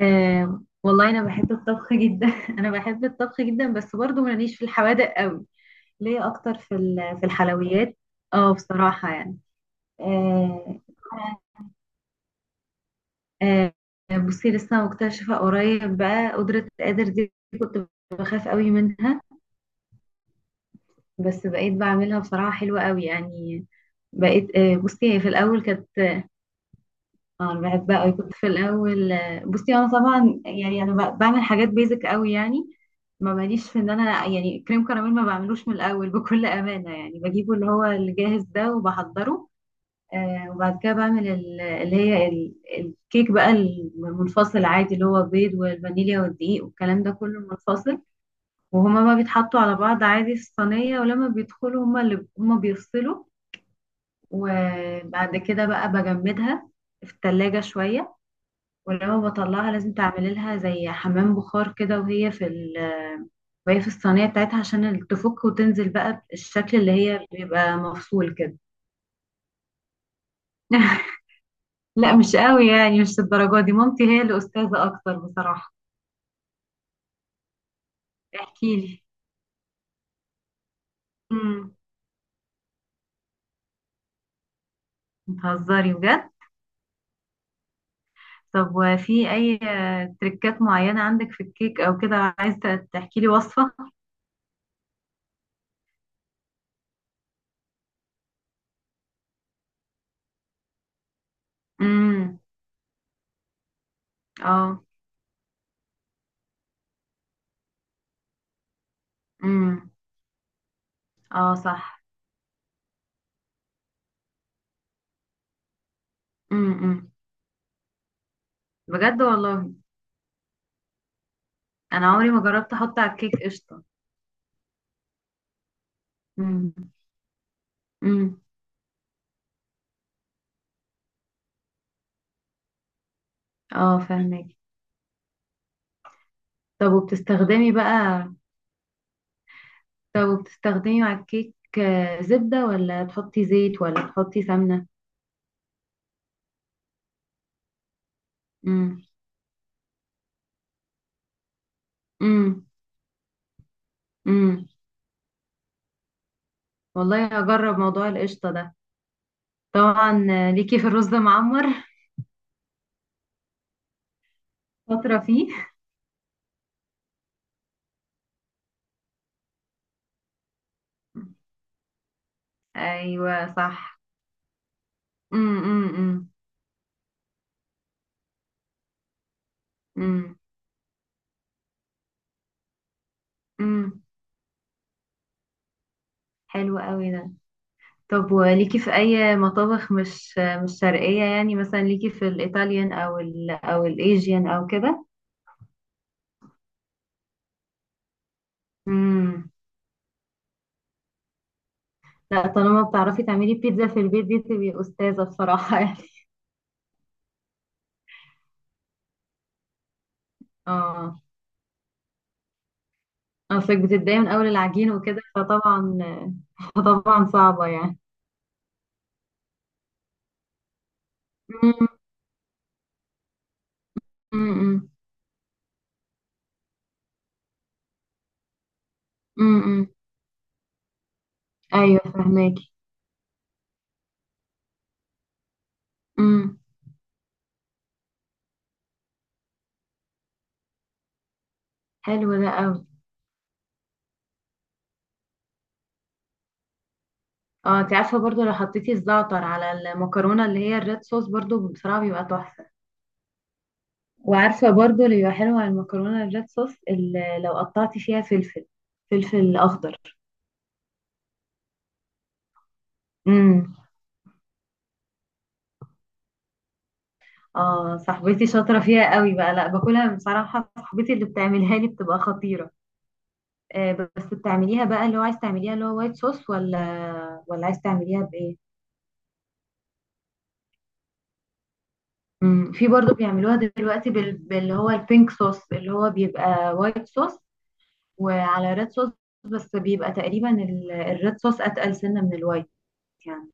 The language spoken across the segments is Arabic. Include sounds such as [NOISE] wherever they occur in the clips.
آه، والله انا بحب الطبخ جدا. [LAUGHS] انا بحب الطبخ جدا، بس برضو ماليش في الحوادق قوي. ليا اكتر في في الحلويات. اه، بصراحة يعني. آه. آه. بصي، لسه مكتشفة قريب بقى قدرة القادر دي. كنت بخاف قوي منها، بس بقيت بعملها، بصراحة حلوة قوي يعني. بقيت بصي، هي في الاول كانت. اه، انا بحبها قوي، كنت في الاول. بصي انا طبعا يعني، انا بعمل حاجات بيزك قوي يعني. ما ماليش في ان انا يعني كريم كراميل ما بعملوش من الاول. [LAUGHS] بكل امانه يعني، بجيبه اللي هو الجاهز ده وبحضره. وبعد كده بعمل اللي هي الكيك بقى المنفصل، عادي اللي هو بيض والفانيليا والدقيق والكلام ده كله منفصل. وهما ما بيتحطوا على بعض عادي في الصينيه، ولما بيدخلوا هما اللي هما بيفصلوا. وبعد كده بقى بجمدها في التلاجة شوية. ولما بطلعها لازم تعملي لها زي حمام بخار كده، وهي في الصينية بتاعتها، عشان تفك وتنزل بقى بالشكل اللي هي بيبقى مفصول كده. [LAUGHS] لا، مش قوي يعني، مش الدرجة دي. مامتي هي اللي أستاذة أكتر بصراحة. احكي لي. امم بتهزري بجد؟ طب وفي أي تريكات معينة عندك في الكيك أو كده؟ عايزة تحكي لي وصفة. امم. اه. امم. اه، صح. امم. بجد والله. أنا عمري ما جربت أحط على الكيك قشطة. امم. امم. اه، فاهمك. طب وبتستخدمي بقى طب وبتستخدمي مع الكيك زبدة ولا تحطي زيت ولا تحطي سمنة؟ امم. امم. امم والله هجرب موضوع القشطة ده. طبعا، ليكي في الرز معمر. [LAUGHS] شاطرة فيه. ايوه صح. امم. امم. امم. امم حلو قوي ده. طب وليكي في اي مطابخ مش شرقية يعني، مثلا ليكي في الايطاليان او الايجيان او كده؟ مم. لا، طالما بتعرفي تعملي بيتزا في البيت دي تبقي أستاذة بصراحة. [LAUGHS] يعني اه، اصلك بتتضايقي من اول العجين وكده فطبعا صعبة يعني. أمم. أمم. أمم. ايوه، فهماكي. أمم. حلو ده قوي. اه، انت عارفة برضو لو حطيتي الزعتر على المكرونة اللي هي الريد صوص برضو بصراحة بيبقى تحفة. وعارفة برضو اللي بيبقى حلو على المكرونة الريد صوص اللي لو قطعتي فيها فلفل. فلفل اخضر. اه، صاحبتي شاطرة فيها قوي بقى، لا باكلها بصراحة، صاحبتي اللي بتعملها لي بتبقى خطيرة. آه، بس بتعمليها بقى اللي هو عايز تعمليها اللي هو وايت صوص ولا عايز تعمليها بإيه؟ في برضو بيعملوها دلوقتي باللي هو البينك صوص، اللي هو بيبقى وايت صوص وعلى ريد صوص. بس بيبقى تقريبا الريد صوص أتقل سنة من الوايت يعني.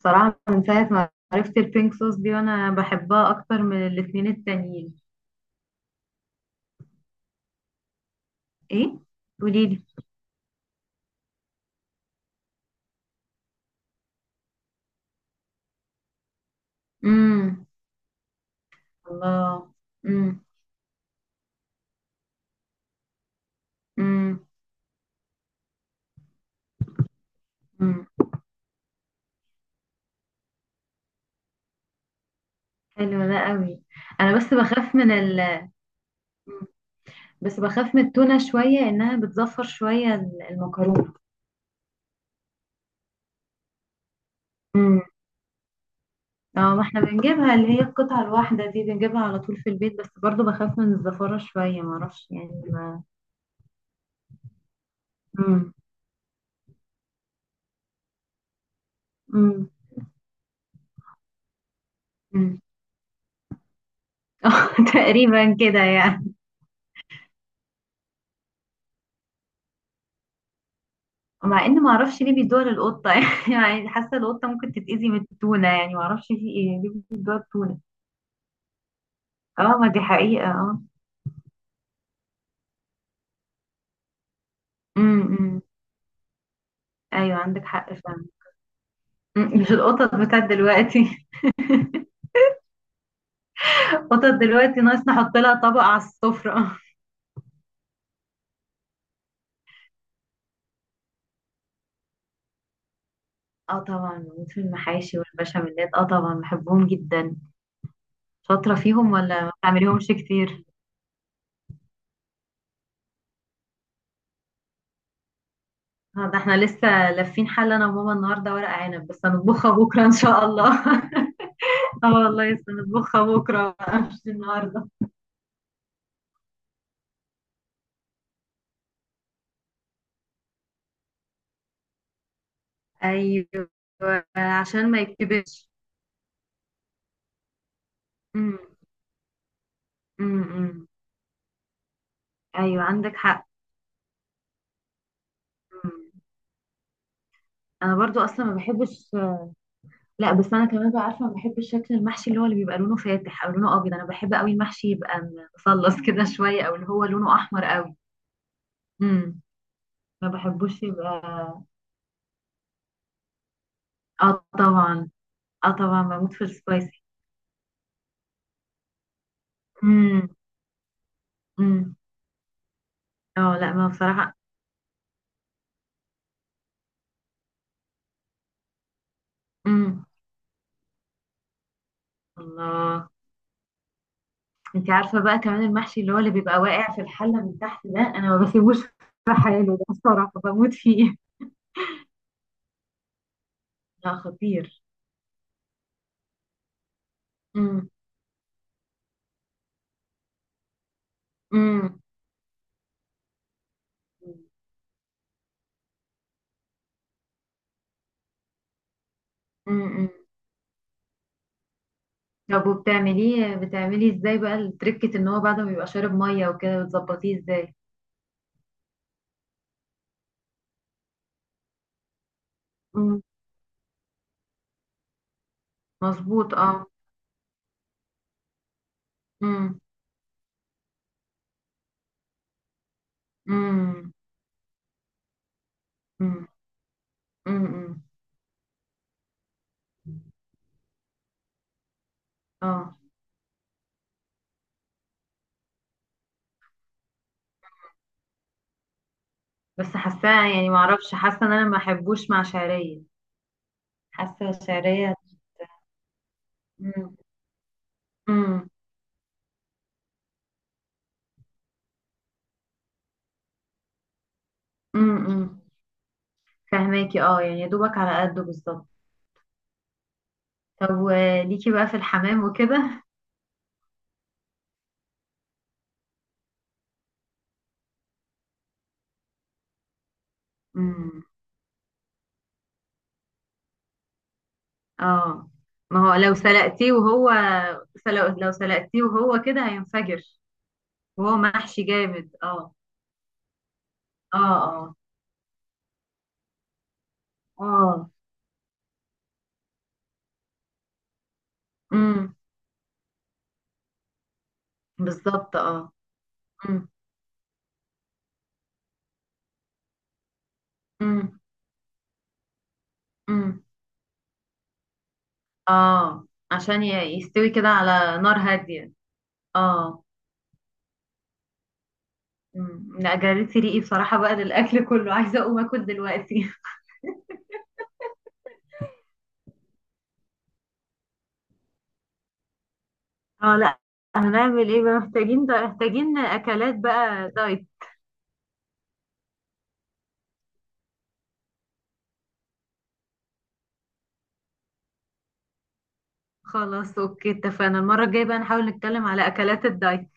بصراحة من ساعة ما عرفت البينك صوص دي وانا بحبها اكتر من الاتنين التانيين. ايه؟ قوليلي. امم الله. امم امم حلو ده قوي. انا بس بخاف من مم. بس بخاف من التونة شوية، انها بتزفر شوية. المكرونة. امم. اه، ما احنا بنجيبها اللي هي القطعة الواحدة دي، بنجيبها على طول في البيت، بس برضو بخاف من الزفارة شوية، ما اعرفش يعني ما. امم. امم. امم. [LAUGHS] اه، تقريبا كده يعني. مع ان ما اعرفش ليه بيدوها للقطة. [LAUGHS] يعني حاسة القطة ممكن تتأذي من التونة، يعني ما اعرفش في ايه ليه بيدوها التونة. اه، ما دي حقيقة. اه. امم. أمم. ايوه، عندك حق فعلا. مش القطط بتاعت دلوقتي. [LAUGHS] القطط دلوقتي ناقص نحط لها طبق على السفرة. اه طبعا، بموت في المحاشي والبشاميلات. اه طبعا بحبهم جدا. شاطرة فيهم ولا ما بتعمليهمش كتير؟ آه، ده احنا لسه لافين حل انا وماما النهارده ورق عنب، بس هنطبخها بكره ان شاء الله. [LAUGHS] اه والله، لسه هنطبخها بكره بقى، مش النهارده. ايوه، عشان ما يتكبرش. امم. امم. أمم. ايوه، عندك حق. أمم. انا برضو اصلا ما بحبش. لا، بس انا كمان بقى عارفه، ما بحبش شكل المحشي اللي هو اللي بيبقى لونه فاتح او لونه ابيض، انا بحب قوي المحشي يبقى مصلص كده شويه، او اللي هو لونه احمر قوي. امم ما بحبوش يبقى. اه طبعا. اه طبعا، بموت في السبايسي. امم. امم. اه لا، ما بصراحه. امم الله. انت عارفه بقى كمان المحشي اللي هو اللي بيبقى واقع في الحله من تحت ده انا ما بسيبوش. في حاله ده بصراحه بموت فيه. لا خطير. امم. امم. امم طب وبتعمليه، بتعملي ازاي بقى التركة ان هو بعد ما بيبقى شارب مية وكده بتظبطيه ازاي؟ مم. مظبوط اه. امم. امم. امم. امم اه. بس حاساها يعني معرفش، حاسة ان انا ما احبوش مع شعرية. حاسة شعرية. امم. امم. امم. فهماكي اه، يعني يا دوبك على قده بالظبط. طب وليكي بقى في الحمام وكده؟ امم اه، ما هو لو سلقتيه وهو كده هينفجر. وهو محشي جامد اه. اه. اه. اه. امم بالظبط اه. امم. امم. امم اه. عشان يستوي كده على نار هادية. اه. لا، جريت ريقي بصراحة بقى للأكل كله، عايزة أقوم أكل دلوقتي. [LAUGHS] اه لا، هنعمل ايه بقى، محتاجين ده، محتاجين اكلات بقى دايت. خلاص أوكي، اتفقنا المرة الجاية بقى نحاول نتكلم على أكلات الدايت.